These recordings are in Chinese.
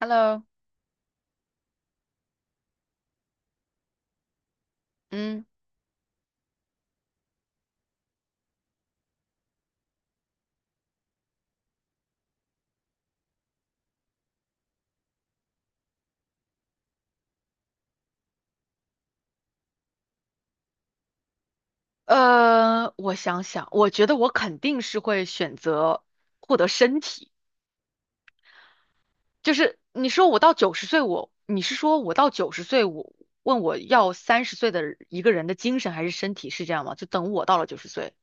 Hello，嗯，我想想，我觉得我肯定是会选择获得身体。你是说我到九十岁我问我要三十岁的人一个人的精神还是身体是这样吗？就等我到了九十岁。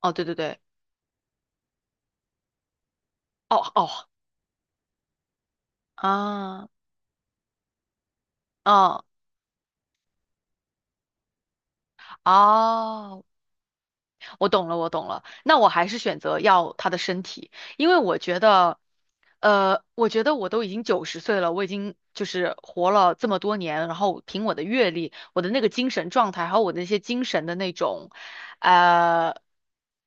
哦，对对对，哦哦啊啊哦，我懂了，我懂了。那我还是选择要他的身体，因为我觉得我都已经九十岁了，我已经就是活了这么多年，然后凭我的阅历、我的那个精神状态，还有我的那些精神的那种，呃，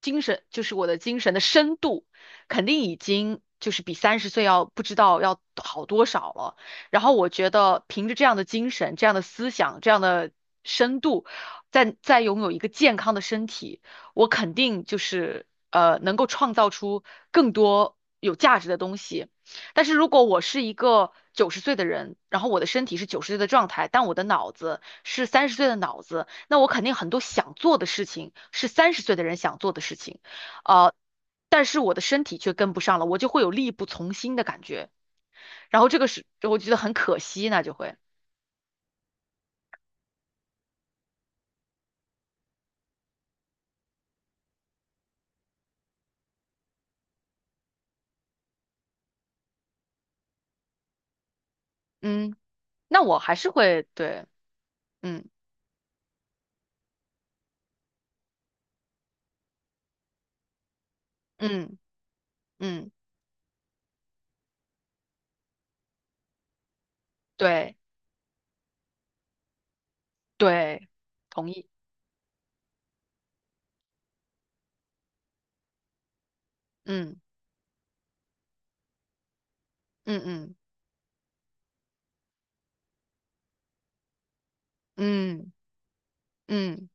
精神就是我的精神的深度，肯定已经就是比三十岁要不知道要好多少了。然后我觉得凭着这样的精神、这样的思想、这样的深度，再拥有一个健康的身体。我肯定就是能够创造出更多有价值的东西。但是如果我是一个九十岁的人，然后我的身体是九十岁的状态，但我的脑子是三十岁的脑子，那我肯定很多想做的事情是三十岁的人想做的事情，呃，但是我的身体却跟不上了，我就会有力不从心的感觉，然后这个是我觉得很可惜，那就会，嗯，那我还是会对，嗯嗯嗯，对对，同意。嗯嗯嗯嗯嗯，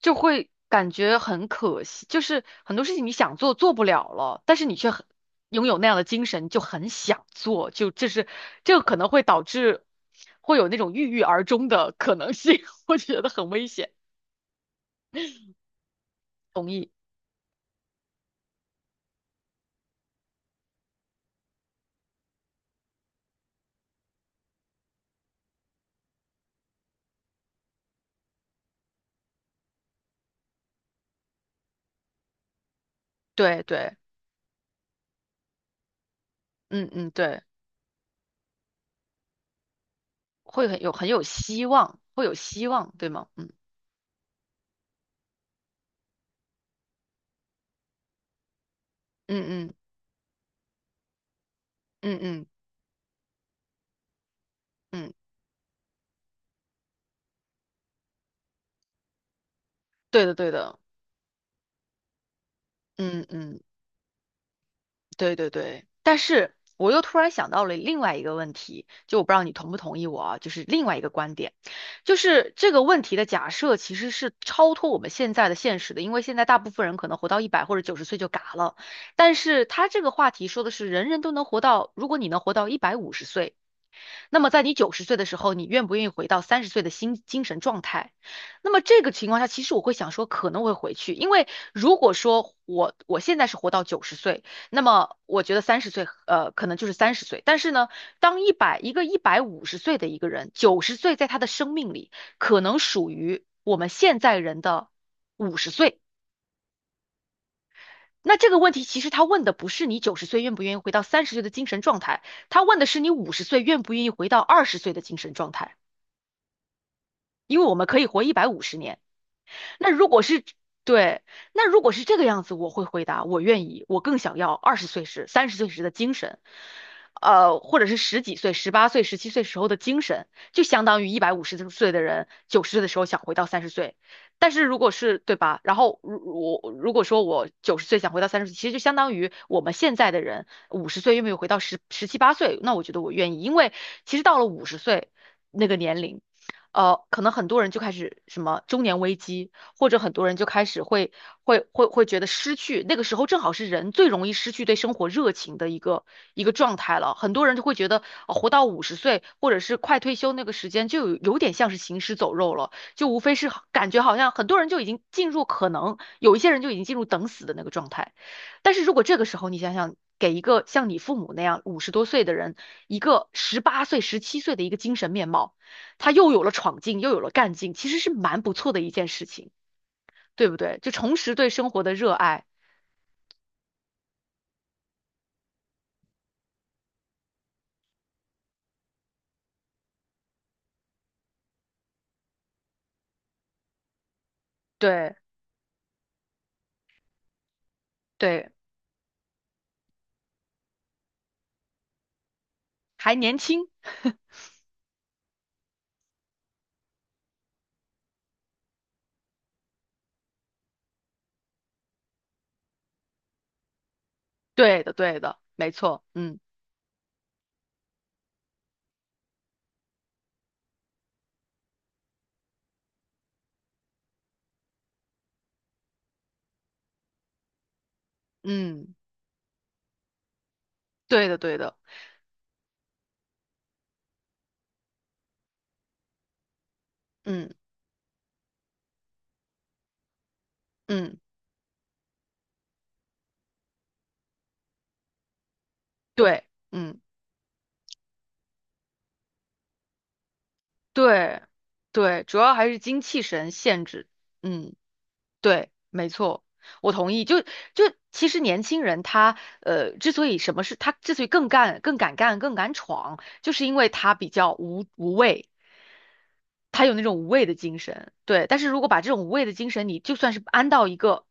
就会感觉很可惜，就是很多事情你想做做不了了，但是你却很拥有那样的精神，就很想做，就这是这个可能会导致会有那种郁郁而终的可能性，我觉得很危险。对对，嗯嗯对，会很有很有希望，会有希望，对吗？嗯嗯嗯嗯嗯嗯，对的对的，嗯嗯。对对对，但是我又突然想到了另外一个问题，就我不知道你同不同意我啊，就是另外一个观点，就是这个问题的假设其实是超脱我们现在的现实的，因为现在大部分人可能活到一百或者九十岁就嘎了，但是他这个话题说的是人人都能活到，如果你能活到一百五十岁，那么在你九十岁的时候，你愿不愿意回到三十岁的精神状态？那么这个情况下，其实我会想说可能会回去，因为如果说我现在是活到九十岁。那么我觉得三十岁，可能就是三十岁。但是呢，当一个一百五十岁的一个人，九十岁在他的生命里，可能属于我们现在人的五十岁。那这个问题其实他问的不是你九十岁愿不愿意回到三十岁的精神状态，他问的是你五十岁愿不愿意回到二十岁的精神状态。因为我们可以活150年，那如果是对，那如果是这个样子，我会回答我愿意，我更想要二十岁时、三十岁时的精神，或者是十几岁、十八岁、十七岁时候的精神，就相当于一百五十岁的人九十岁的时候想回到三十岁。但是如果是对吧？然后我如果说我九十岁想回到三十岁，其实就相当于我们现在的人五十岁又没有回到十七八岁，那我觉得我愿意，因为其实到了五十岁那个年龄。可能很多人就开始什么中年危机，或者很多人就开始会觉得失去，那个时候正好是人最容易失去对生活热情的一个一个状态了。很多人就会觉得，活到五十岁或者是快退休那个时间，就有点像是行尸走肉了，就无非是好感觉好像很多人就已经进入可能有一些人就已经进入等死的那个状态。但是如果这个时候你想想，给一个像你父母那样50多岁的人一个十八岁、十七岁的一个精神面貌。他又有了闯劲，又有了干劲，其实是蛮不错的一件事情，对不对？就重拾对生活的热爱，对对，还年轻，对的对的，没错，嗯嗯，对的对的，嗯嗯，对，嗯对对，主要还是精气神限制，嗯，对，没错。我同意，就其实年轻人他之所以更干、更敢干、更敢闯，就是因为他比较无畏，他有那种无畏的精神，对。但是如果把这种无畏的精神，你就算是安到一个，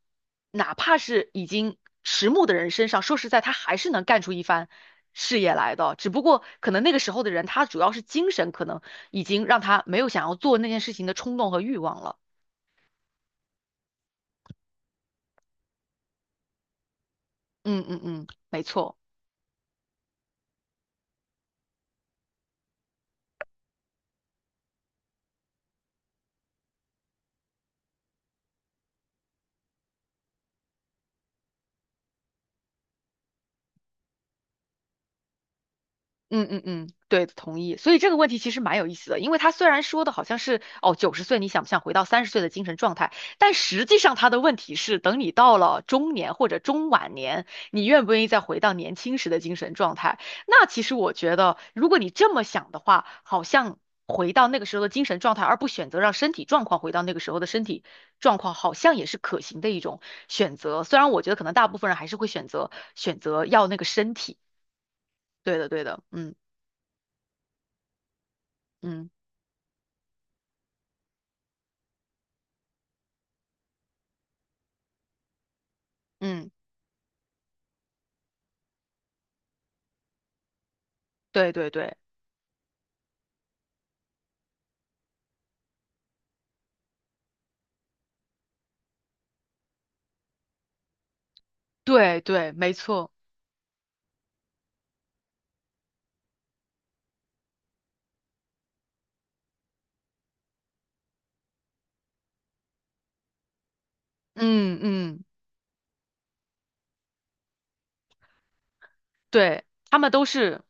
哪怕是已经迟暮的人身上，说实在，他还是能干出一番事业来的。只不过可能那个时候的人，他主要是精神可能已经让他没有想要做那件事情的冲动和欲望了。嗯嗯嗯，没错。嗯嗯嗯，对，同意。所以这个问题其实蛮有意思的，因为他虽然说的好像是哦，九十岁你想不想回到三十岁的精神状态，但实际上他的问题是，等你到了中年或者中晚年，你愿不愿意再回到年轻时的精神状态？那其实我觉得，如果你这么想的话，好像回到那个时候的精神状态，而不选择让身体状况回到那个时候的身体状况，好像也是可行的一种选择。虽然我觉得可能大部分人还是会选择要那个身体。对的，对的，嗯嗯。嗯，对对对对对，没错，嗯嗯，对，他们都是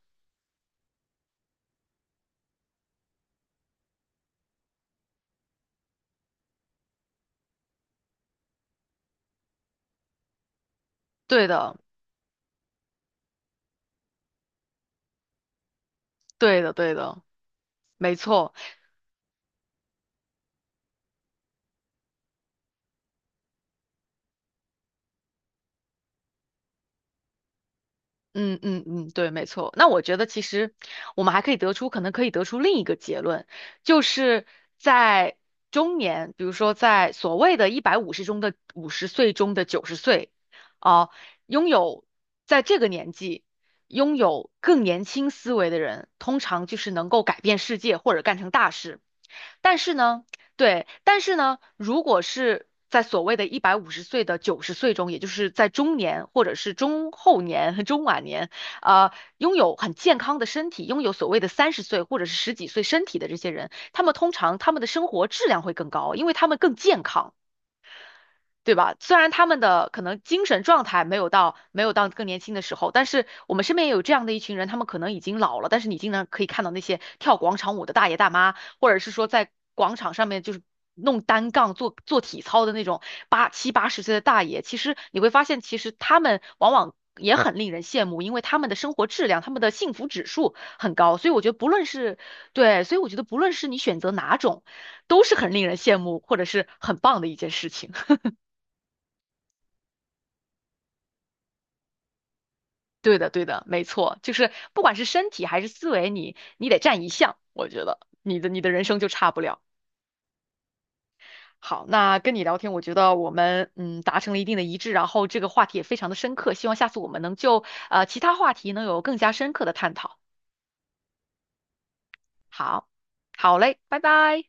对的，对的对的，没错。嗯嗯嗯，对，没错。那我觉得其实我们还可以得出，可能可以得出另一个结论，就是在中年，比如说在所谓的一百五十中的五十岁中的九十岁，啊、拥有在这个年纪拥有更年轻思维的人，通常就是能够改变世界或者干成大事。但是呢，对，但是呢，如果是在所谓的一百五十岁的九十岁中，也就是在中年或者是中后年、和中晚年，呃，拥有很健康的身体，拥有所谓的三十岁或者是十几岁身体的这些人，他们通常他们的生活质量会更高，因为他们更健康。对吧？虽然他们的可能精神状态没有到更年轻的时候，但是我们身边也有这样的一群人，他们可能已经老了，但是你经常可以看到那些跳广场舞的大爷大妈，或者是说在广场上面就是弄单杠做做体操的那种八十岁的大爷，其实你会发现，其实他们往往也很令人羡慕，因为他们的生活质量、他们的幸福指数很高，所以我觉得不论是对，所以我觉得不论是你选择哪种，都是很令人羡慕或者是很棒的一件事情。对的，对的，没错，就是不管是身体还是思维，你得占一项，我觉得你的人生就差不了。好，那跟你聊天，我觉得我们达成了一定的一致，然后这个话题也非常的深刻，希望下次我们能就其他话题能有更加深刻的探讨。好，好嘞，拜拜。